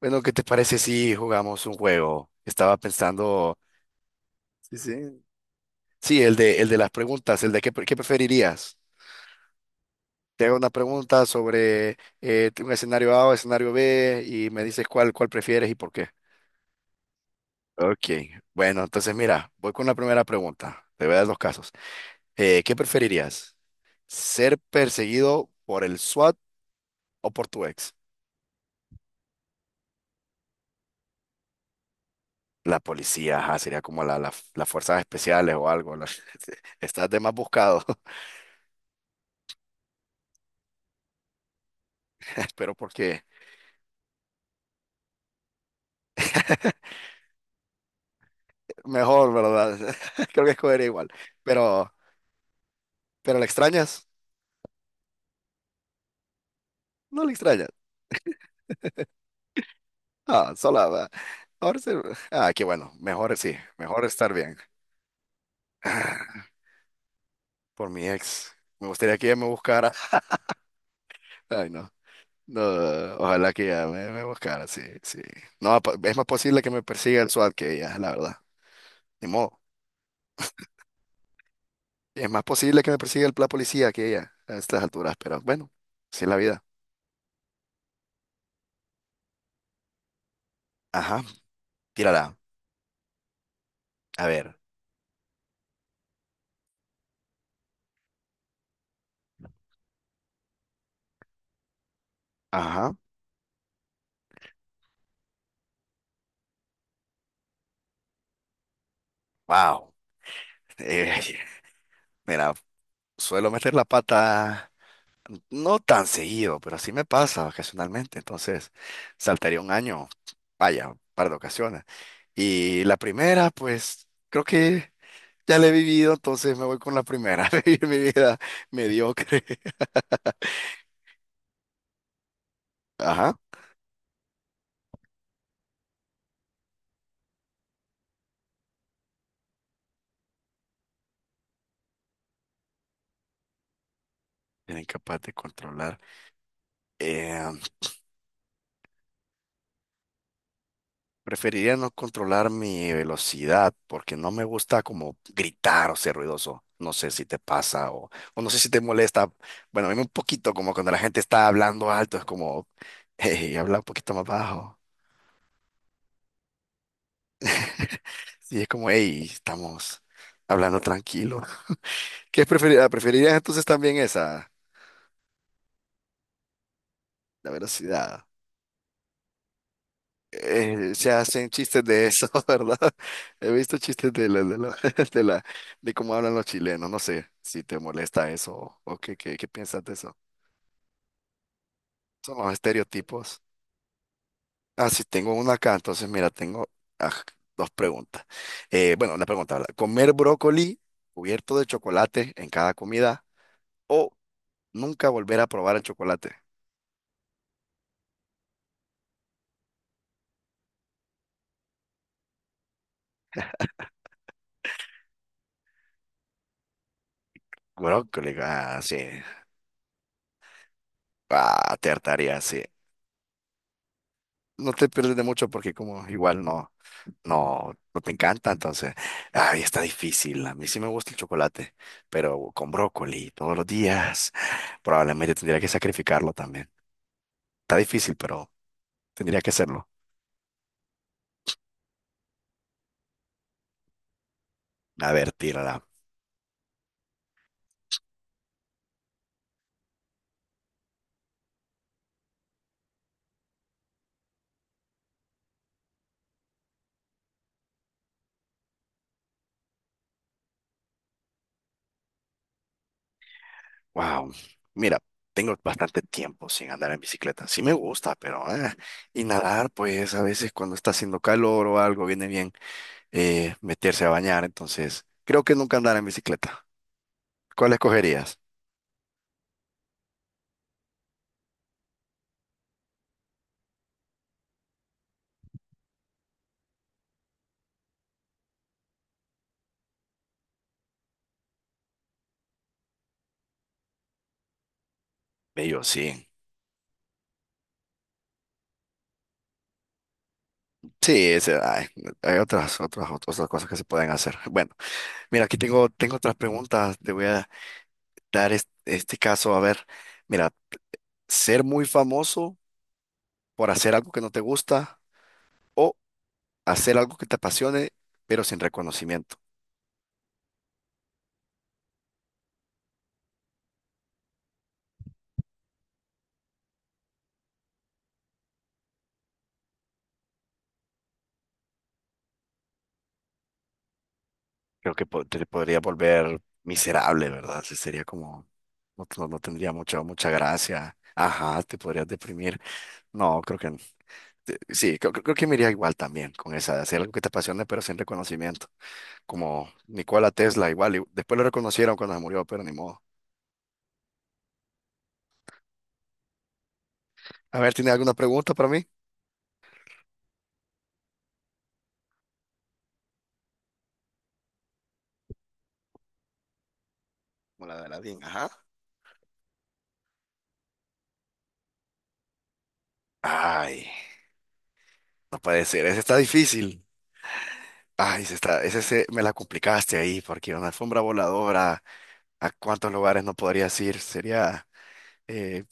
Bueno, ¿qué te parece si jugamos un juego? Estaba pensando, sí, sí, sí, el de las preguntas, el de qué, qué preferirías. Te hago una pregunta sobre un escenario A o escenario B y me dices cuál, cuál prefieres y por qué. Ok, bueno, entonces mira, voy con la primera pregunta. Te voy a dar dos casos. ¿Qué preferirías? ¿Ser perseguido por el SWAT o por tu ex? La policía, ajá, sería como la, las fuerzas especiales o algo. La- Estás de más buscado, pero porque mejor, ¿verdad? Creo que escogería igual. Pero, pero ¿la extrañas? No la extrañas. Ah, sola, va. Ahora sí. Ah, qué bueno. Mejor sí. Mejor estar bien. Por mi ex. Me gustaría que ella me buscara. Ay, no. No, ojalá que ella me, me buscara, sí, sí. No, es más posible que me persiga el SWAT que ella, la verdad. Ni modo. Es más posible que me persiga el, la policía que ella a estas alturas, pero bueno, así es la vida. Ajá, tírala. A ver. Ajá. Wow. Mira. Suelo meter la pata no tan seguido, pero así me pasa ocasionalmente. Entonces, saltaría un año, vaya, un par de ocasiones. Y la primera, pues, creo que ya la he vivido, entonces me voy con la primera. Vivir mi vida mediocre. Ajá. Era incapaz de controlar. em, Preferiría no controlar mi velocidad porque no me gusta como gritar o ser ruidoso. No sé si te pasa o no sé si te molesta. Bueno, a mí un poquito como cuando la gente está hablando alto, es como, hey, habla un poquito más bajo. Y es como, hey, estamos hablando tranquilo. ¿Qué preferirías? ¿Preferirías entonces también esa, la velocidad? Se hacen chistes de eso, ¿verdad? He visto chistes de la, de la- de cómo hablan los chilenos. No sé si te molesta eso o qué, qué, qué piensas de eso. Son los estereotipos. Ah, sí, tengo una acá. Entonces, mira, tengo ah, dos preguntas. Bueno, una pregunta, ¿verdad? ¿Comer brócoli cubierto de chocolate en cada comida o nunca volver a probar el chocolate? Brócoli, ah, sí. Ah, te hartaría, sí. No te pierdes de mucho porque como igual no. No, no te encanta, entonces. Ay, está difícil. A mí sí me gusta el chocolate, pero con brócoli todos los días. Probablemente tendría que sacrificarlo también. Está difícil, pero tendría que hacerlo. A ver, tírala. Wow. Mira, tengo bastante tiempo sin andar en bicicleta. Sí me gusta, pero y nadar, pues a veces cuando está haciendo calor o algo, viene bien meterse a bañar. Entonces, creo que nunca andar en bicicleta. ¿Cuál escogerías? Bello, sí. Sí, ese, ay, hay otras, otras, otras cosas que se pueden hacer. Bueno, mira, aquí tengo, tengo otras preguntas. Te voy a dar este caso. A ver, mira, ser muy famoso por hacer algo que no te gusta o hacer algo que te apasione, pero sin reconocimiento. Creo que te podría volver miserable, ¿verdad? Sí, sería como, no, no tendría mucha, mucha gracia. Ajá, te podrías deprimir. No, creo que, sí, creo, creo que me iría igual también con esa, de hacer algo que te apasione, pero sin reconocimiento. Como Nikola Tesla, igual. Y después lo reconocieron cuando se murió, pero ni modo. A ver, ¿tiene alguna pregunta para mí? Como la de Aladdin, ajá. Ay, no puede ser, ese está difícil. Ay, ese está, me la complicaste ahí, porque una alfombra voladora, ¿a cuántos lugares no podrías ir? Sería, eh,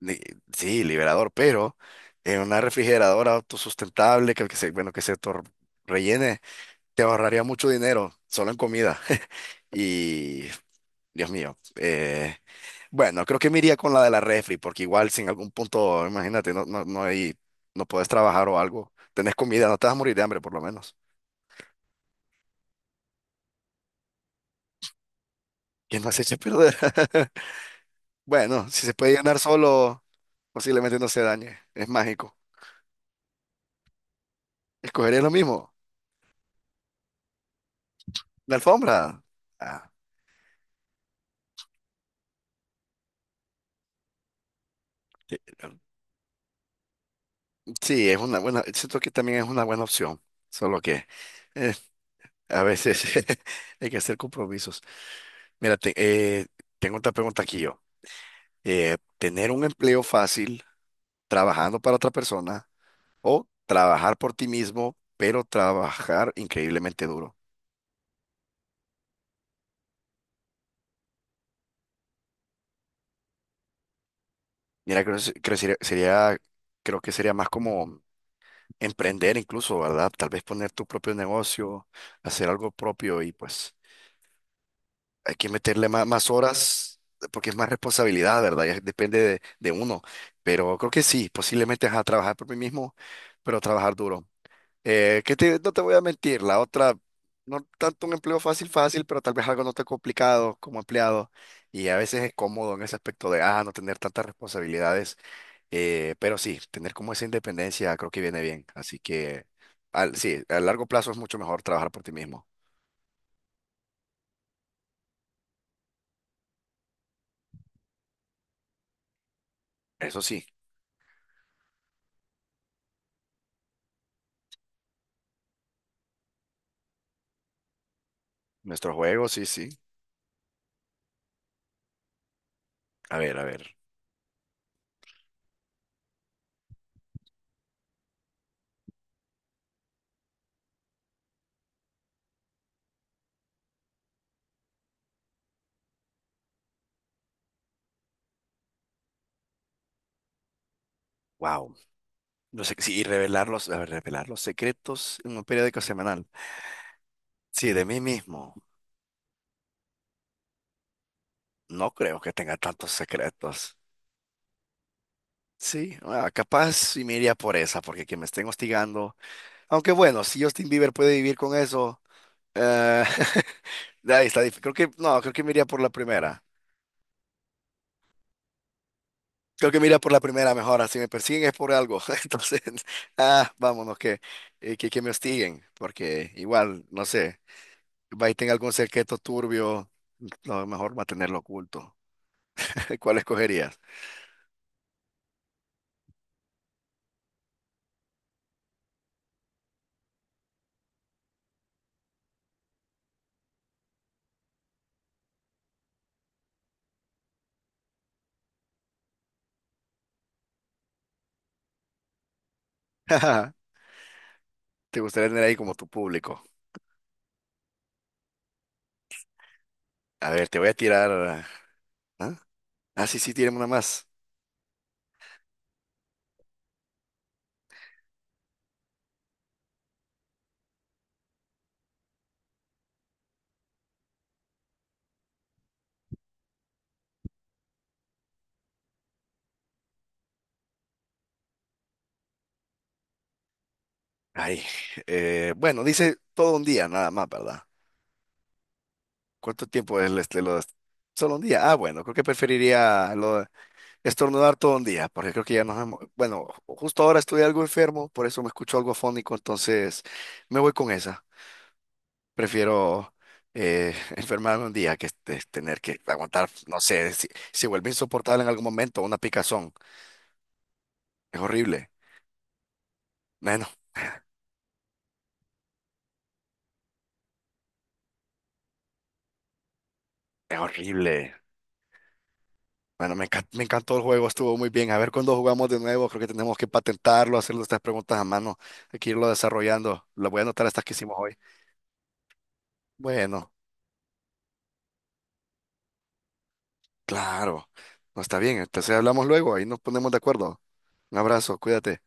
li- sí, liberador, pero en una refrigeradora autosustentable que se, bueno, rellene. Te ahorraría mucho dinero solo en comida. Y, Dios mío, bueno, creo que me iría con la de la refri, porque igual si en algún punto, imagínate, no, no, no hay, no puedes trabajar o algo, tenés comida, no te vas a morir de hambre por lo menos. ¿Quién más se echa a perder? Bueno, si se puede llenar solo, posiblemente no se dañe, es mágico. Escogería lo mismo, la alfombra. Ah, sí, sí, es una buena, siento que también es una buena opción, solo que... eh, a veces hay que hacer compromisos. Mira, tengo otra pregunta aquí yo. ¿Tener un empleo fácil trabajando para otra persona o trabajar por ti mismo, pero trabajar increíblemente duro? Mira, creo, que creo sería, creo que sería más como emprender incluso, ¿verdad? Tal vez poner tu propio negocio, hacer algo propio y pues... hay que meterle más, más horas porque es más responsabilidad, ¿verdad? Ya depende de uno. Pero creo que sí, posiblemente a trabajar por mí mismo, pero trabajar duro. No te voy a mentir, la otra, no tanto un empleo fácil, fácil, pero tal vez algo no tan complicado como empleado. Y a veces es cómodo en ese aspecto de, ah, no tener tantas responsabilidades. Pero sí, tener como esa independencia creo que viene bien. Así que, sí, a largo plazo es mucho mejor trabajar por ti mismo. Eso sí, nuestro juego, sí, sí. A ver, a ver. Wow. No sé, sí, y revelar los, a ver, revelar los secretos en un periódico semanal. Sí, de mí mismo. No creo que tenga tantos secretos. Sí, ah, capaz sí me iría por esa, porque que me estén hostigando. Aunque bueno, si Justin Bieber puede vivir con eso, eh, ahí está difícil. Creo que, no, creo que me iría por la primera. Creo que me iría por la primera mejor. Ah, si me persiguen es por algo. Entonces, ah, vámonos, que me hostiguen, porque igual, no sé, va y tenga algún secreto turbio. Lo mejor mantenerlo oculto. ¿Cuál escogerías? Te gustaría tener ahí como tu público. A ver, te voy a tirar. ¿Ah? Ah, sí, sí, tiremos una más. Ay, bueno, dice todo un día nada más, ¿verdad? ¿Cuánto tiempo es este, solo un día? Ah, bueno, creo que preferiría estornudar todo un día, porque creo que ya nos hemos... Bueno, justo ahora estoy algo enfermo, por eso me escucho algo afónico, entonces me voy con esa. Prefiero enfermarme un día que este, tener que aguantar, no sé, si, si vuelve insoportable en algún momento, una picazón. Es horrible. Bueno, es horrible. Bueno, me encantó el juego, estuvo muy bien. A ver cuándo jugamos de nuevo, creo que tenemos que patentarlo, hacer estas preguntas a mano, hay que irlo desarrollando. Lo voy a anotar estas que hicimos hoy. Bueno. Claro, no está bien. Entonces hablamos luego, ahí nos ponemos de acuerdo. Un abrazo, cuídate.